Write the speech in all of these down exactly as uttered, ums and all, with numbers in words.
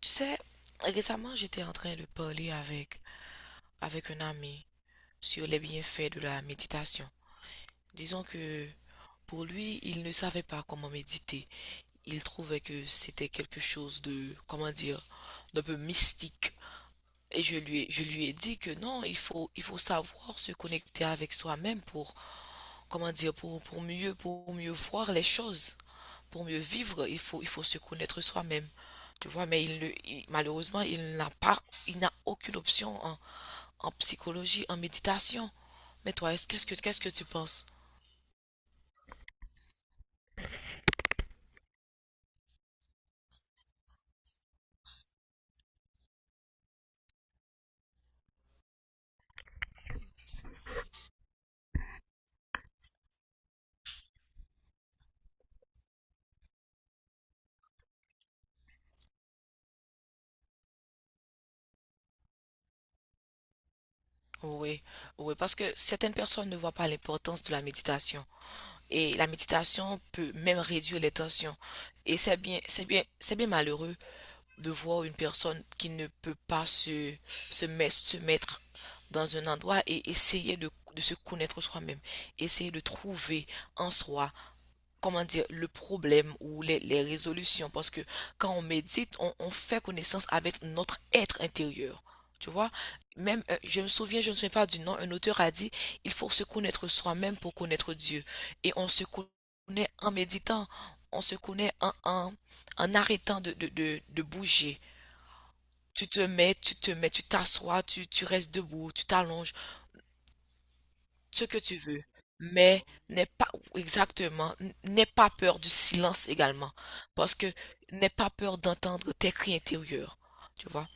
Tu sais, récemment, j'étais en train de parler avec, avec un ami sur les bienfaits de la méditation. Disons que pour lui, il ne savait pas comment méditer. Il trouvait que c'était quelque chose de, comment dire, d'un peu mystique. Et je lui, ai- je lui ai dit que non, il faut, il faut savoir se connecter avec soi-même pour, comment dire, pour, pour mieux, pour mieux voir les choses, pour mieux vivre, il faut, il faut se connaître soi-même. Tu vois, mais il, le- il- malheureusement, il n'a pas, il n'a aucune option en, en psychologie, en méditation. Mais toi, est-ce- qu'est-ce que, qu'est-ce que tu penses? Oui, oui, parce que certaines personnes ne voient pas l'importance de la méditation. Et la méditation peut même réduire les tensions. Et c'est bien, c'est bien, c'est bien malheureux de voir une personne qui ne peut pas se, se mettre, se mettre dans un endroit et essayer de, de se connaître soi-même, essayer de trouver en soi, comment dire, le problème ou les, les résolutions. Parce que quand on médite, on, on fait connaissance avec notre être intérieur. Tu vois, même, euh, je me souviens, je ne me souviens pas du nom, un auteur a dit, il faut se connaître soi-même pour connaître Dieu. Et on se connaît en méditant, on se connaît en, en, en arrêtant de, de, de, de bouger. Tu te mets, tu te mets, tu t'assois, tu, tu restes debout, tu t'allonges, ce que tu veux, mais n'aie pas, exactement, n'aie pas peur du silence également, parce que n'aie pas peur d'entendre tes cris intérieurs, tu vois.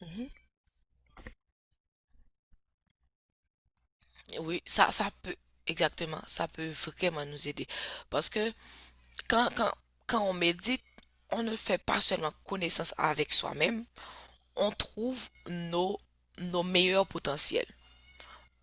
Mhm. Oui, ça, ça peut, exactement, ça peut vraiment nous aider, parce que quand, quand, quand on médite, on ne fait pas seulement connaissance avec soi-même, on trouve nos, nos meilleurs potentiels.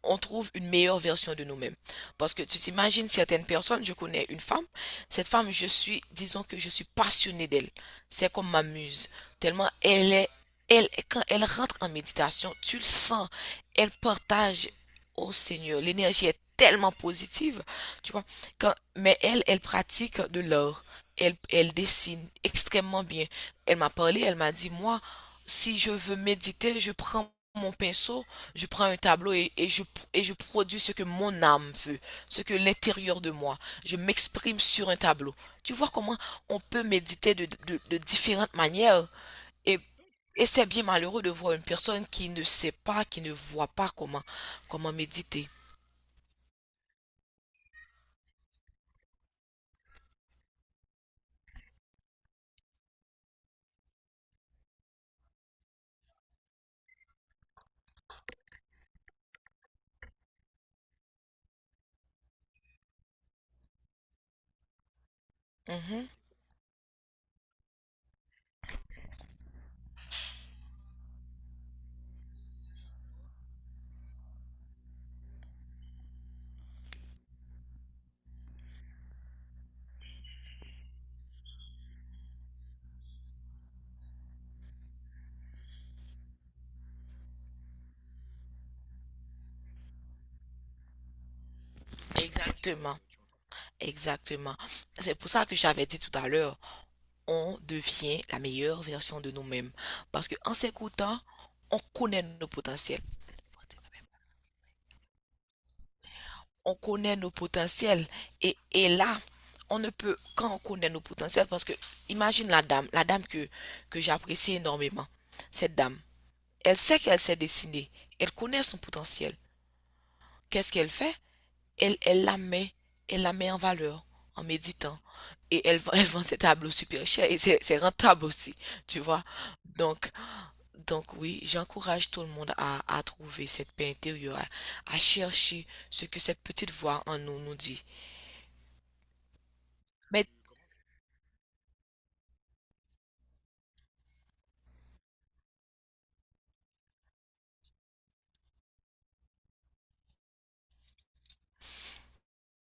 On trouve une meilleure version de nous-mêmes. Parce que tu t'imagines certaines personnes, je connais une femme, cette femme, je suis, disons que je suis passionnée d'elle. C'est comme ma muse. Tellement elle est, elle, quand elle rentre en méditation, tu le sens, elle partage au Seigneur. L'énergie est tellement positive, tu vois. Quand, mais elle, elle pratique de l'art. Elle, elle dessine extrêmement bien. Elle m'a parlé, elle m'a dit, moi, si je veux méditer, je prends mon pinceau, je prends un tableau et, et je, et je produis ce que mon âme veut, ce que l'intérieur de moi. Je m'exprime sur un tableau. Tu vois comment on peut méditer de, de- de différentes manières. Et, et c'est bien malheureux de voir une personne qui ne sait pas, qui ne voit pas comment, comment méditer. Mhm. Exactement. Exactement. C'est pour ça que j'avais dit tout à l'heure. On devient la meilleure version de nous-mêmes. Parce qu'en s'écoutant, on connaît nos potentiels. On connaît nos potentiels. Et, et là, on ne peut, quand on connaît nos potentiels, parce que imagine la dame, la dame que, que j'apprécie énormément, cette dame, elle sait qu'elle s'est dessinée, elle connaît son potentiel. Qu'est-ce qu'elle fait? Elle, elle la met, elle la met en valeur en méditant. Et elle, vend- elle vend ses tableaux super chers et c'est rentable aussi, tu vois. Donc, Donc oui, j'encourage tout le monde à, à trouver cette paix intérieure, à, à chercher ce que cette petite voix en nous nous dit. Mais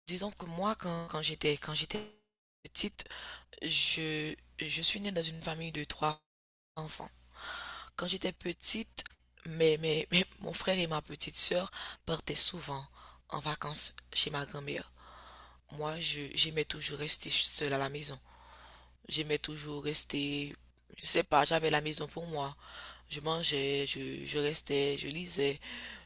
disons que moi, quand, quand j'étais quand j'étais petite, je, je suis née dans une famille de trois enfants. Quand j'étais petite, mais, mais, mais mon frère et ma petite sœur partaient souvent en vacances chez ma grand-mère. Moi, je, j'aimais toujours rester seule à la maison. J'aimais toujours rester, je sais pas, j'avais la maison pour moi. Je mangeais, je, je restais, je lisais,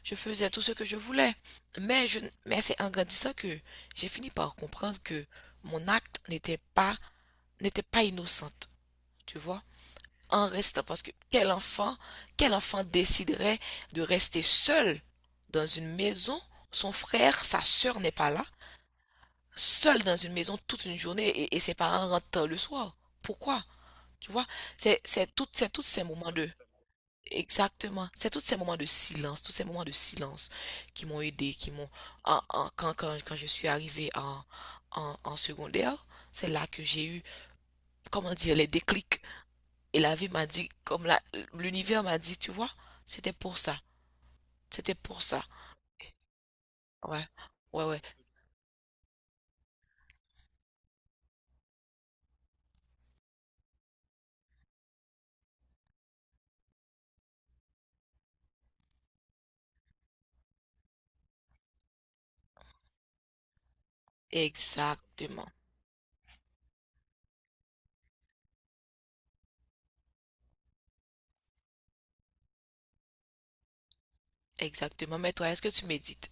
je faisais tout ce que je voulais. Mais je, mais c'est en grandissant que j'ai fini par comprendre que mon acte n'était pas, n'était pas innocente, tu vois. En restant, parce que quel enfant, quel enfant déciderait de rester seul dans une maison? Son frère, sa sœur n'est pas là, seul dans une maison toute une journée et, et ses parents rentrent tard le soir. Pourquoi? Tu vois, c'est, c'est tout- c'est tous ces moments de, exactement. C'est tous ces moments de silence, tous ces moments de silence qui m'ont aidé, qui m'ont... en- en- quand, quand, quand je suis arrivée en, en, en secondaire, c'est là que j'ai eu, comment dire, les déclics. Et la vie m'a dit, comme la, l'univers m'a dit, tu vois, c'était pour ça, c'était pour ça. Ouais, ouais, ouais, exactement, exactement. Mais toi, est-ce que tu médites?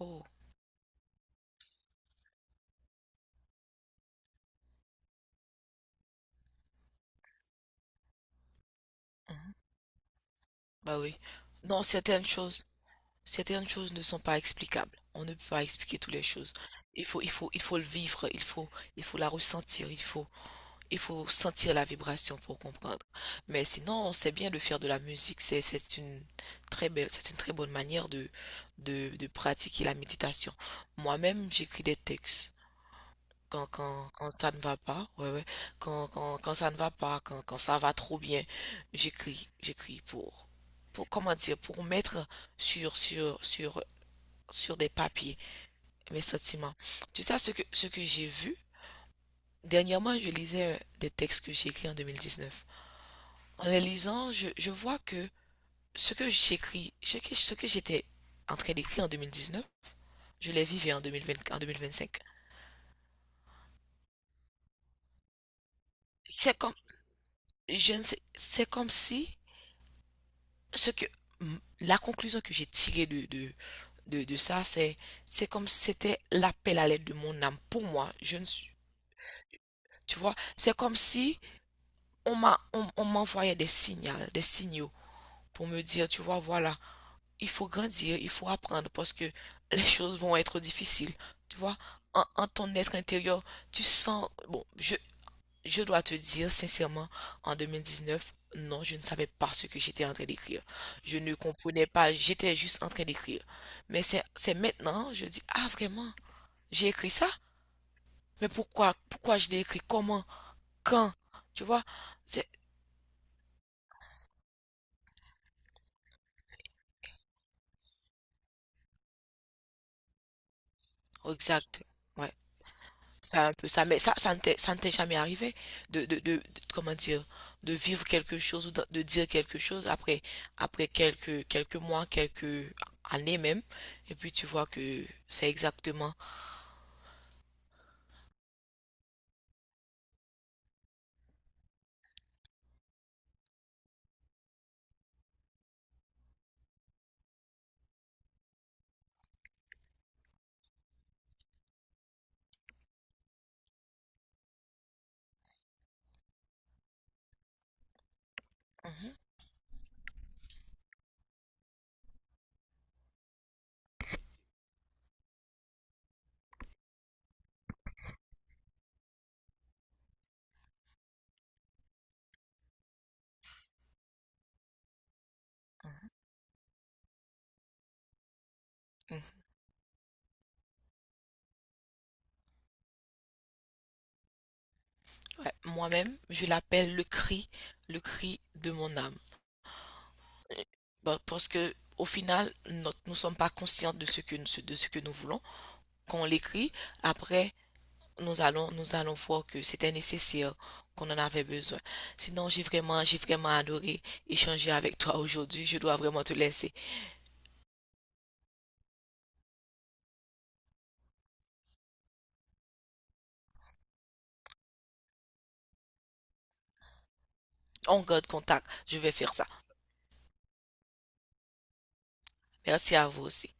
Oh, mhm, bah oui. Non, certaines choses. Certaines choses ne sont pas explicables. On ne peut pas expliquer toutes les choses. Il faut, il faut, il faut le vivre, il faut, il faut la ressentir, il faut, il faut sentir la vibration pour comprendre. Mais sinon, on sait bien de faire de la musique. C'est, c'est une très belle, c'est une très bonne manière de, de, de pratiquer la méditation. Moi-même, j'écris des textes. Quand, quand, quand ça ne va pas, ouais, ouais. Quand, quand, quand ça ne va pas, quand, quand ça va trop bien, j'écris, j'écris pour, pour, comment dire, pour mettre sur, sur, sur sur des papiers mes sentiments. Tu sais ce que, ce que j'ai vu? Dernièrement, je lisais euh, des textes que j'ai écrits en deux mille dix-neuf. En les lisant, je, je vois que ce que j'écris, ce que, ce que j'étais en train d'écrire en deux mille dix-neuf, je les vivais en deux mille vingt, en deux mille vingt-cinq. C'est comme, je ne sais, c'est comme si ce que, la conclusion que j'ai tirée de, de, de, de ça, c'est, c'est comme si c'était l'appel à l'aide de mon âme. Pour moi, je ne suis, tu vois, c'est comme si on m'a, on, on m'envoyait des signaux, des signaux pour me dire, tu vois, voilà, il faut grandir, il faut apprendre parce que les choses vont être difficiles. Tu vois, en, en ton être intérieur, tu sens, bon, je, je dois te dire sincèrement, en deux mille dix-neuf, non, je ne savais pas ce que j'étais en train d'écrire. Je ne comprenais pas, j'étais juste en train d'écrire. Mais c'est, c'est maintenant, je dis, ah vraiment, j'ai écrit ça? Mais pourquoi, pourquoi je l'ai écrit? Comment? Quand? Tu vois? C'est, exact. Ouais. C'est un peu ça, mais ça, ça ne t'est, ça ne t'est jamais arrivé de, de, de, de- comment dire, de vivre quelque chose ou de, de dire quelque chose après, après quelques, quelques mois, quelques années même, et puis tu vois que c'est exactement. Mhm, mhm, mhm. Ouais, moi-même, je l'appelle le cri, le cri de mon âme. Et- bah, parce que au final, notre- nous ne sommes pas conscients de ce que, de ce que nous voulons. Quand on l'écrit, après, nous allons, nous allons voir que c'était nécessaire, qu'on en avait besoin. Sinon, j'ai vraiment, j'ai vraiment adoré échanger avec toi aujourd'hui. Je dois vraiment te laisser. On garde contact. Je vais faire ça. Merci à vous aussi.